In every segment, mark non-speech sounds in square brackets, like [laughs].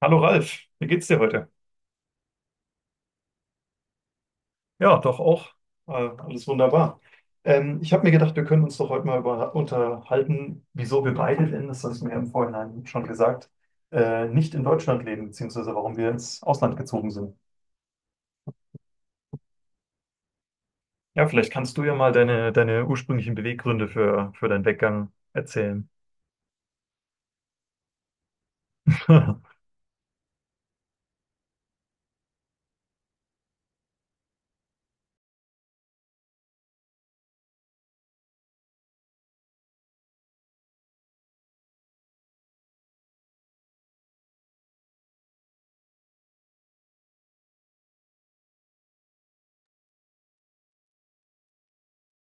Hallo Ralf, wie geht's dir heute? Ja, doch auch. Alles wunderbar. Ich habe mir gedacht, wir können uns doch heute mal über, unterhalten, wieso wir beide denn, das hast du mir im Vorhinein schon gesagt, nicht in Deutschland leben, beziehungsweise warum wir ins Ausland gezogen sind. Ja, vielleicht kannst du ja mal deine ursprünglichen Beweggründe für deinen Weggang erzählen. [laughs]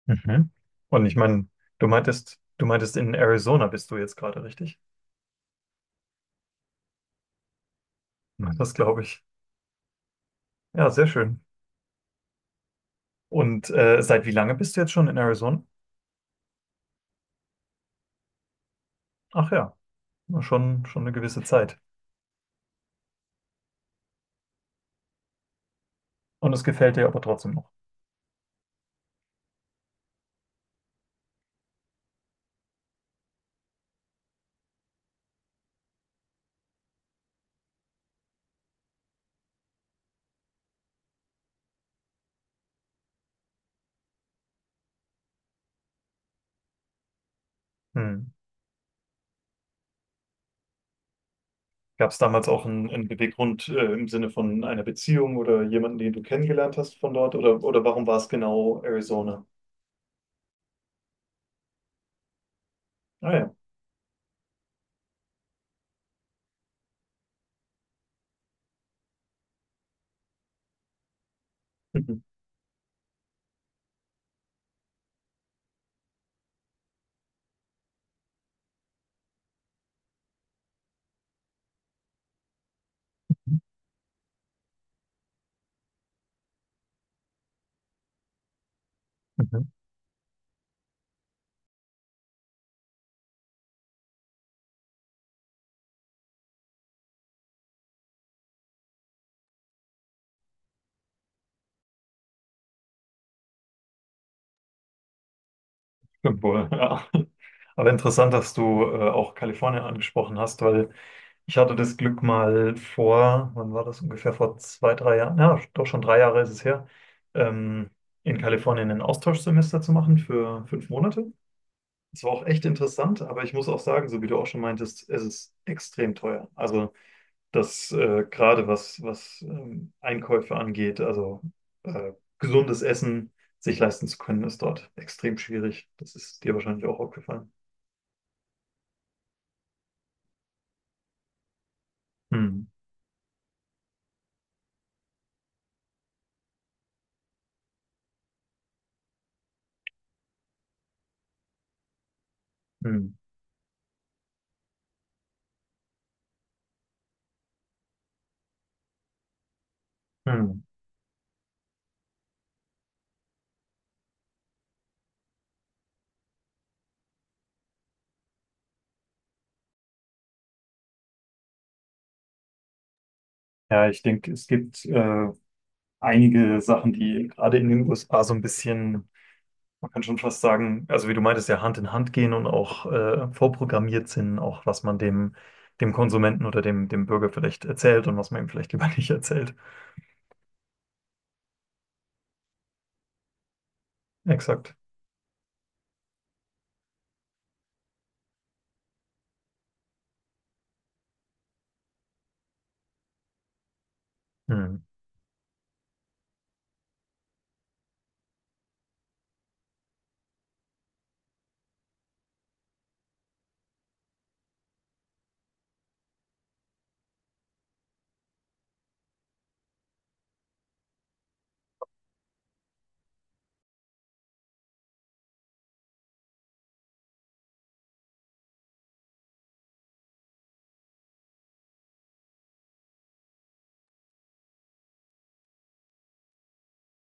Mhm. Und ich meine, du meintest, in Arizona bist du jetzt gerade, richtig? Mhm. Das glaube ich. Ja, sehr schön. Und seit wie lange bist du jetzt schon in Arizona? Ach ja, na schon, schon eine gewisse Zeit. Und es gefällt dir aber trotzdem noch. Hm. Gab es damals auch einen Beweggrund im Sinne von einer Beziehung oder jemanden, den du kennengelernt hast von dort? Oder warum war es genau Arizona? Ah ja. Mhm. Mhm. Stimmt wohl, [laughs] ja. Aber interessant, dass du auch Kalifornien angesprochen hast, weil ich hatte das Glück mal vor, wann war das ungefähr, vor zwei, drei Jahren, ja, doch schon drei Jahre ist es her, ähm, in Kalifornien ein Austauschsemester zu machen für fünf Monate. Es war auch echt interessant, aber ich muss auch sagen, so wie du auch schon meintest, es ist extrem teuer. Also das gerade was, was Einkäufe angeht, also äh, gesundes Essen sich leisten zu können, ist dort extrem schwierig. Das ist dir wahrscheinlich auch aufgefallen. Hm, hm, hm. Ja, ich denke, es gibt einige Sachen, die gerade in den USA so ein bisschen Man kann schon fast sagen, also wie du meintest, ja Hand in Hand gehen und auch vorprogrammiert sind, auch was man dem, dem Konsumenten oder dem, dem Bürger vielleicht erzählt und was man ihm vielleicht [laughs] lieber nicht erzählt. Exakt. Mhm.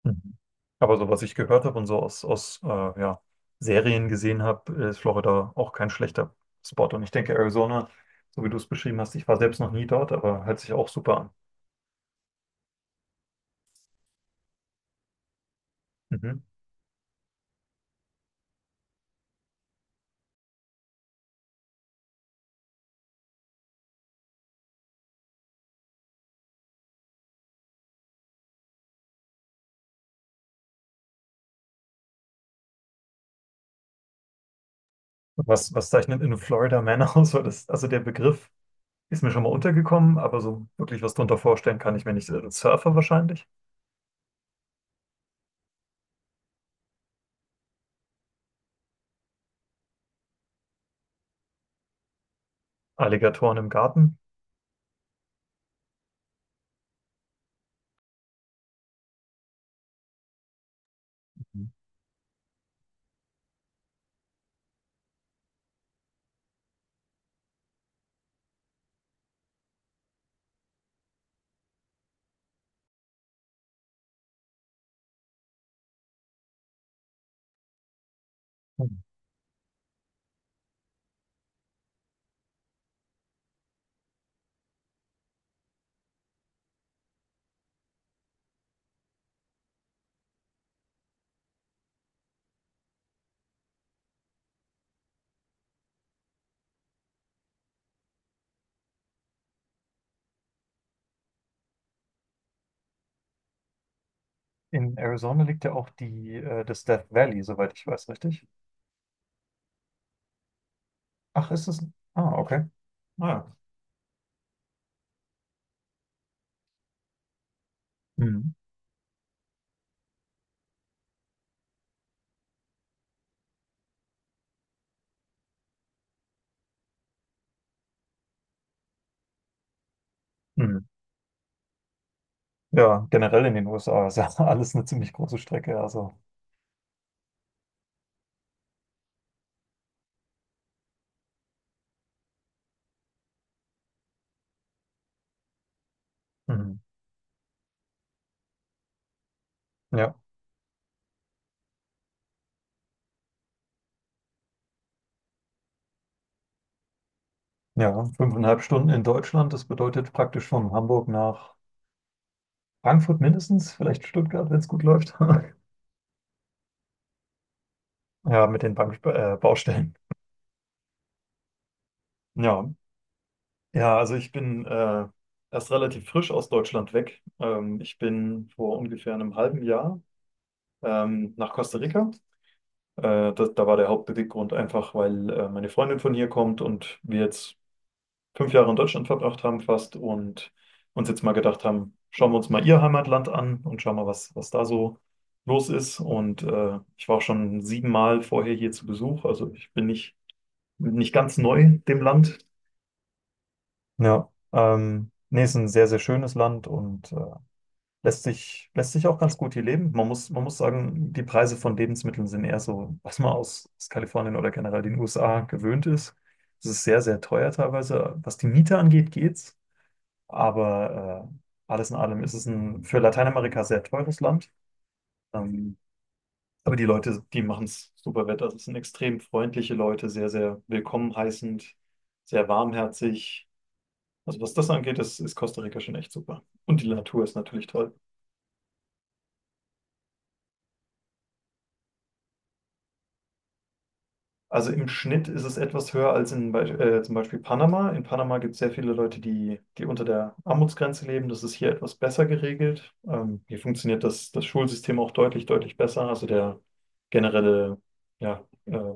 Mhm. Aber so was ich gehört habe und so aus, aus ja, Serien gesehen habe, ist Florida auch kein schlechter Spot. Und ich denke, Arizona, so wie du es beschrieben hast, ich war selbst noch nie dort, aber hört sich auch super an. Mhm. Was, was zeichnet in Florida Man [laughs] aus? Weil das, also der Begriff. Ist mir schon mal untergekommen, aber so wirklich was drunter vorstellen kann ich mir nicht. Surfer wahrscheinlich. Alligatoren im Garten. Mhm. Hm. In Arizona liegt ja auch die, das Death Valley, soweit ich weiß, richtig? Ach, ist es? Ah, okay. Ah, ja. Hm. Hm. Ja, generell in den USA ist ja [laughs] alles eine ziemlich große Strecke. Also, hm. Ja. Ja, fünfeinhalb Stunden in Deutschland, das bedeutet praktisch von Hamburg nach Frankfurt mindestens, vielleicht Stuttgart, wenn es gut läuft. [laughs] Ja, mit den Bank Baustellen. Ja, ja, also ich bin erst relativ frisch aus Deutschland weg. Ich bin vor ungefähr einem halben Jahr nach Costa Rica. Das, da war der Hauptbeweggrund einfach, weil meine Freundin von hier kommt und wir jetzt fünf Jahre in Deutschland verbracht haben fast und uns jetzt mal gedacht haben, schauen wir uns mal ihr Heimatland an und schauen mal, was, was da so los ist. Und ich war auch schon siebenmal vorher hier zu Besuch. Also ich bin nicht, nicht ganz neu dem Land. Ja, nee, ist ein sehr, sehr schönes Land und lässt sich, lässt sich auch ganz gut hier leben. Man muss sagen, die Preise von Lebensmitteln sind eher so, was man aus, aus Kalifornien oder generell den USA gewöhnt ist. Es ist sehr, sehr teuer teilweise. Was die Miete angeht, geht's. Aber alles in allem ist es ein für Lateinamerika sehr teures Land. Ähm, aber die Leute, die machen es super wett. Also es sind extrem freundliche Leute, sehr, sehr willkommen heißend, sehr warmherzig. Also was das angeht, ist Costa Rica schon echt super. Und die Natur ist natürlich toll. Also im Schnitt ist es etwas höher als in Be zum Beispiel Panama. In Panama gibt es sehr viele Leute, die, die unter der Armutsgrenze leben. Das ist hier etwas besser geregelt. Hier funktioniert das, das Schulsystem auch deutlich, deutlich besser. Also der generelle ja,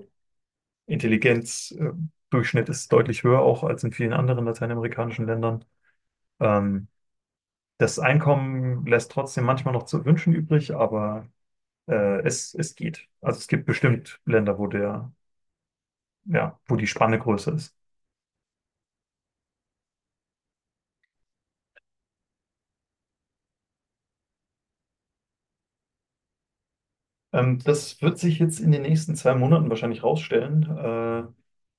Intelligenzdurchschnitt ist deutlich höher, auch als in vielen anderen lateinamerikanischen Ländern. Ähm, das Einkommen lässt trotzdem manchmal noch zu wünschen übrig, aber es, es geht. Also es gibt bestimmt Länder, wo der, ja, wo die Spanne größer ist. Das wird sich jetzt in den nächsten zwei Monaten wahrscheinlich rausstellen, äh,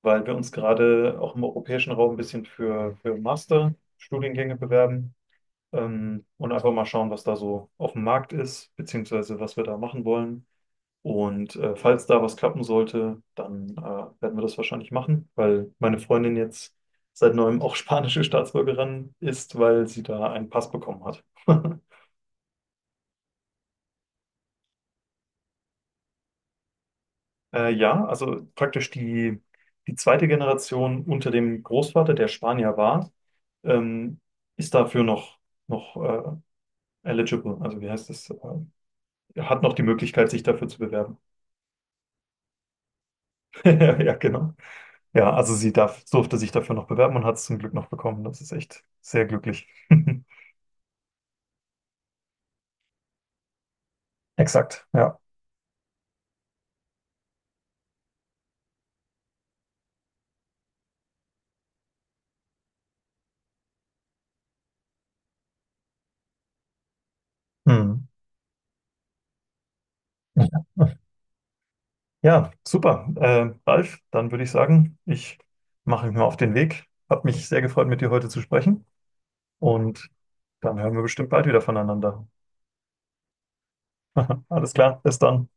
weil wir uns gerade auch im europäischen Raum ein bisschen für Masterstudiengänge bewerben und einfach mal schauen, was da so auf dem Markt ist, beziehungsweise was wir da machen wollen. Und falls da was klappen sollte, dann werden wir das wahrscheinlich machen, weil meine Freundin jetzt seit neuem auch [laughs] spanische Staatsbürgerin ist, weil sie da einen Pass bekommen hat. [laughs] Ja, also praktisch die, die zweite Generation unter dem Großvater, der Spanier war, ähm, ist dafür noch, noch eligible. Also wie heißt das? Hat noch die Möglichkeit, sich dafür zu bewerben. [laughs] Ja, genau. Ja, also sie darf, durfte sich dafür noch bewerben und hat es zum Glück noch bekommen. Das ist echt sehr glücklich. [laughs] Exakt, ja. Hm. [laughs] Ja, super. Ralf, dann würde ich sagen, ich mache mich mal auf den Weg. Hat mich sehr gefreut, mit dir heute zu sprechen. Und dann hören wir bestimmt bald wieder voneinander. [laughs] Alles klar, bis dann.